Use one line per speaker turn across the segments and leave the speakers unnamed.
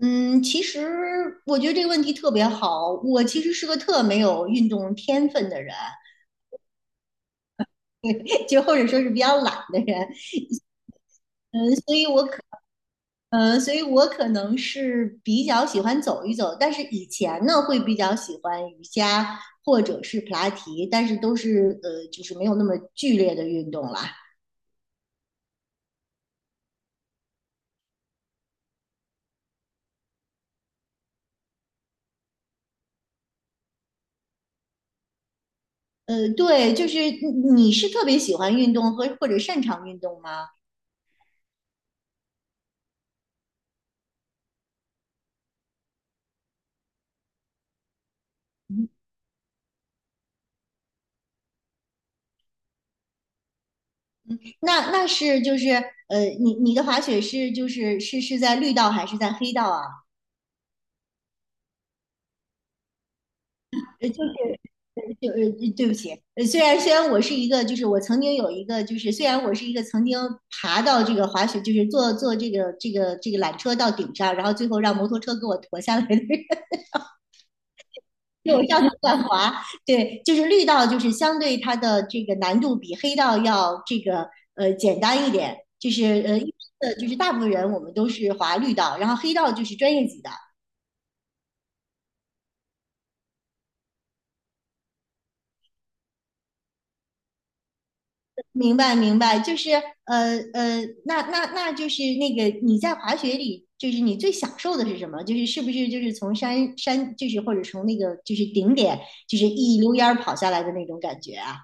嗯，其实我觉得这个问题特别好。我其实是个特没有运动天分的人，就或者说是比较懒的人。嗯，所以我可，所以我可能是比较喜欢走一走，但是以前呢会比较喜欢瑜伽或者是普拉提，但是都是就是没有那么剧烈的运动啦。对，就是你是特别喜欢运动和或者擅长运动吗？那是，你的滑雪是是在绿道还是在黑道啊？呃，就是就呃，对不起，虽然我是一个，就是我曾经有一个，就是虽然我是一个曾经爬到这个滑雪，就是坐这个缆车到顶上，然后最后让摩托车给我驮下来的人，就我上去乱滑。对，就是绿道就是相对它的这个难度比黑道要这个简单一点，就是一般的就是大部分人我们都是滑绿道，然后黑道就是专业级的。明白明白，那就是那个你在滑雪里，就是你最享受的是什么？就是是不是就是从山，就是或者从那个就是顶点，就是一溜烟儿跑下来的那种感觉啊？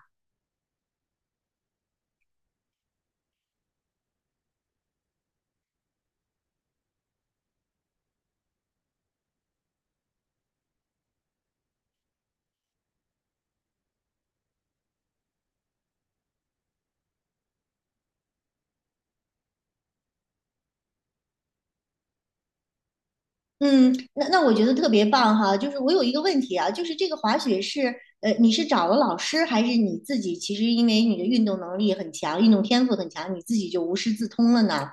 嗯，那我觉得特别棒哈。就是我有一个问题啊，就是这个滑雪是你是找了老师，还是你自己？其实因为你的运动能力很强，运动天赋很强，你自己就无师自通了呢？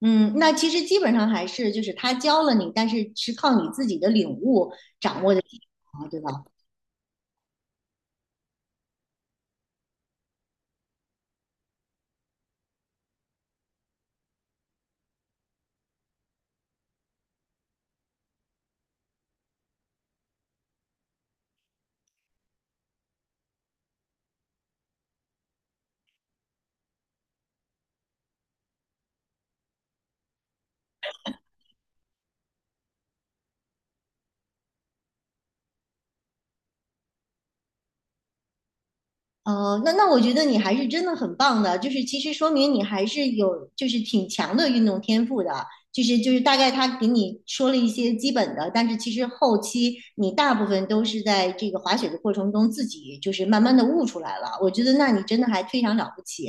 嗯，那其实基本上还是就是他教了你，但是是靠你自己的领悟掌握的技巧嘛对吧？那我觉得你还是真的很棒的，就是其实说明你还是有就是挺强的运动天赋的，就是大概他给你说了一些基本的，但是其实后期你大部分都是在这个滑雪的过程中自己就是慢慢的悟出来了，我觉得那你真的还非常了不起。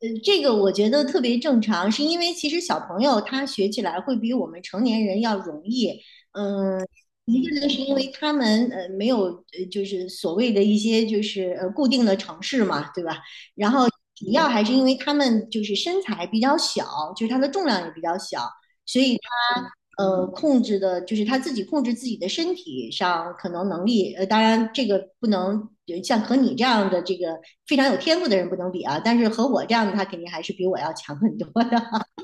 这个我觉得特别正常，是因为其实小朋友他学起来会比我们成年人要容易。嗯，一个呢是因为他们没有就是所谓的一些就是固定的城市嘛，对吧？然后主要还是因为他们就是身材比较小，就是他的重量也比较小，所以他控制的，就是他自己控制自己的身体上可能能力，当然这个不能像和你这样的这个非常有天赋的人不能比啊，但是和我这样的他肯定还是比我要强很多的。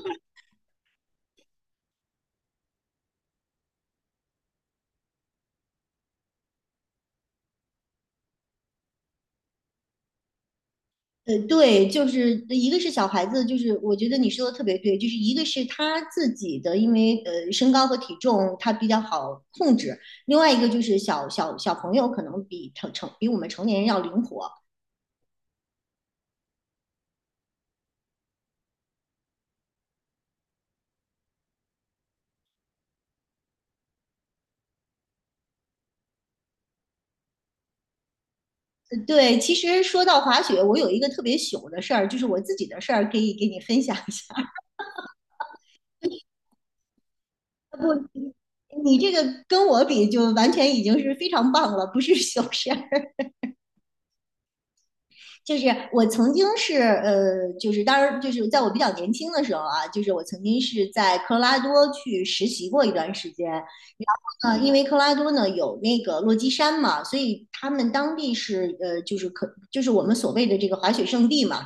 对，就是一个是小孩子，就是我觉得你说的特别对，就是一个是他自己的，因为身高和体重他比较好控制，另外一个就是小朋友可能比比我们成年人要灵活，对，其实说到滑雪，我有一个特别糗的事儿，就是我自己的事儿，可以给你分享一下。不，你这个跟我比，就完全已经是非常棒了，不是糗事儿。就是我曾经是就是当然就是在我比较年轻的时候啊，就是我曾经是在科罗拉多去实习过一段时间。然后呢，因为科罗拉多呢有那个落基山嘛，所以他们当地是就是就是我们所谓的这个滑雪圣地嘛。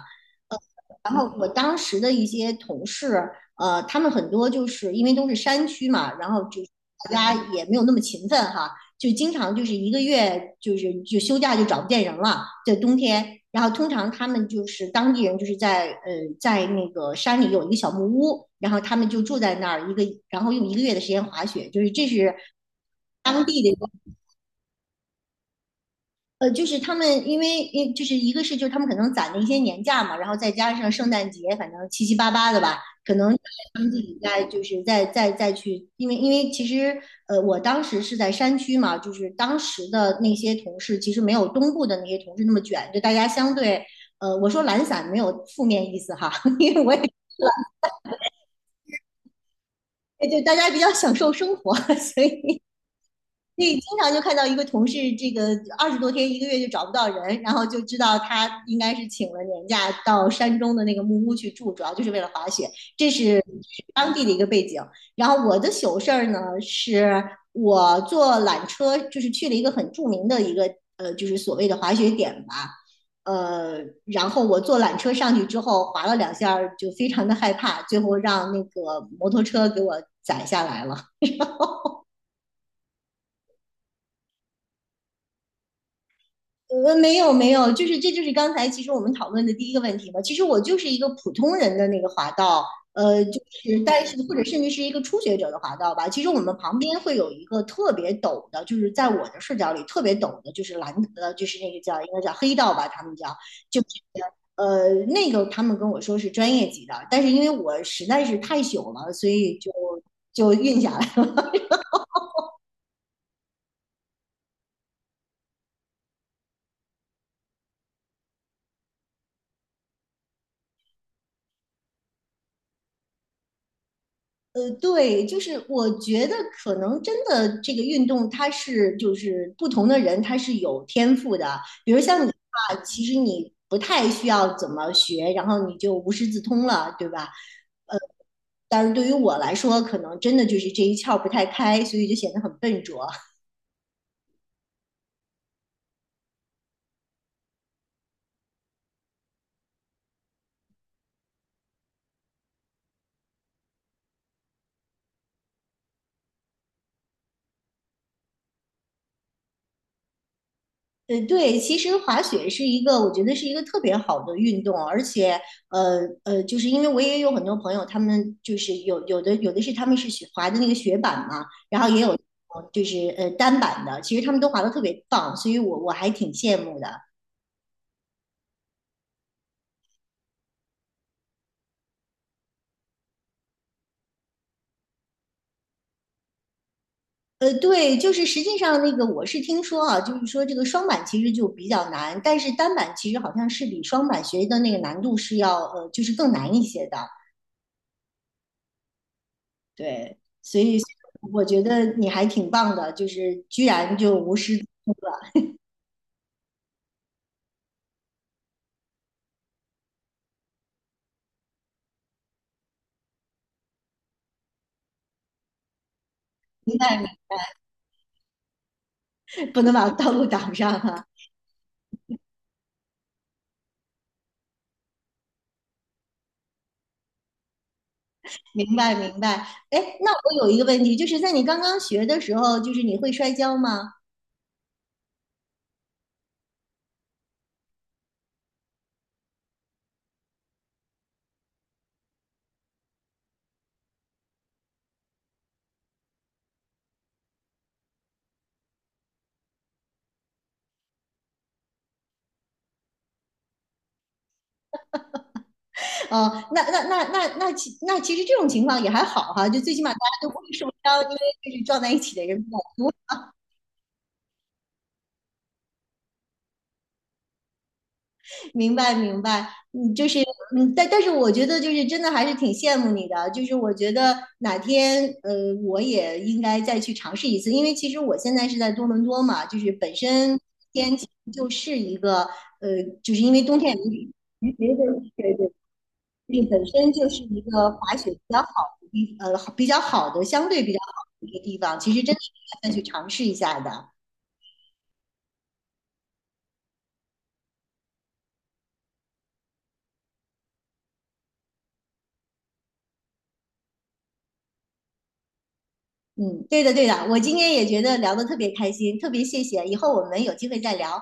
然后我当时的一些同事，他们很多就是因为都是山区嘛，然后就是大家也没有那么勤奋哈，就经常就是一个月就休假就找不见人了，在冬天。然后通常他们就是当地人，就是在那个山里有一个小木屋，然后他们就住在那儿一个，然后用一个月的时间滑雪，就是这是当地的一个就是他们因为就是一个是就是他们可能攒了一些年假嘛，然后再加上圣诞节，反正七七八八的吧，可能他们自己再就是再再再去，因为其实我当时是在山区嘛，就是当时的那些同事其实没有东部的那些同事那么卷，就大家相对我说懒散没有负面意思哈，因为我也就大家比较享受生活，所以对，经常就看到一个同事，这个二十多天一个月就找不到人，然后就知道他应该是请了年假到山中的那个木屋去住，主要就是为了滑雪，这是当地的一个背景。然后我的糗事儿呢，是我坐缆车，就是去了一个很著名的一个就是所谓的滑雪点吧，呃，然后我坐缆车上去之后滑了两下儿，就非常的害怕，最后让那个摩托车给我载下来了。没有没有，就是这就是刚才其实我们讨论的第一个问题嘛。其实我就是一个普通人的那个滑道，就是但是或者甚至是一个初学者的滑道吧。其实我们旁边会有一个特别陡的，就是在我的视角里特别陡的，就是蓝呃，就是那个叫应该叫黑道吧，他们叫就是呃那个他们跟我说是专业级的，但是因为我实在是太朽了，所以就运下来。对，就是我觉得可能真的这个运动，它是就是不同的人他是有天赋的。比如像你的话，其实你不太需要怎么学，然后你就无师自通了，对吧？呃，但是对于我来说，可能真的就是这一窍不太开，所以就显得很笨拙。对，其实滑雪是一个，我觉得是一个特别好的运动，而且，就是因为我也有很多朋友，他们就是有的是他们是雪滑的那个雪板嘛，然后也有就是单板的，其实他们都滑得特别棒，所以我还挺羡慕的。对，就是实际上那个我是听说啊，就是说这个双板其实就比较难，但是单板其实好像是比双板学的那个难度是要就是更难一些的。对，所以我觉得你还挺棒的，就是居然就无师自通，明白不能把道路挡上哈，明白明白，哎，那我有一个问题，就是在你刚刚学的时候，就是你会摔跤吗？哦，那那那那那其那其实这种情况也还好哈，就最起码大家都不会受伤，因为就是撞在一起的人明白明白，但是我觉得就是真的还是挺羡慕你的，就是我觉得哪天我也应该再去尝试一次，因为其实我现在是在多伦多嘛，就是本身天气就是一个就是因为冬天也没的，对对对，就是本身就是一个滑雪比较好的地，好比较好的，相对比较好的一个地方，其实真的应该再去尝试一下的。嗯，对的，对的，我今天也觉得聊得特别开心，特别谢谢，以后我们有机会再聊。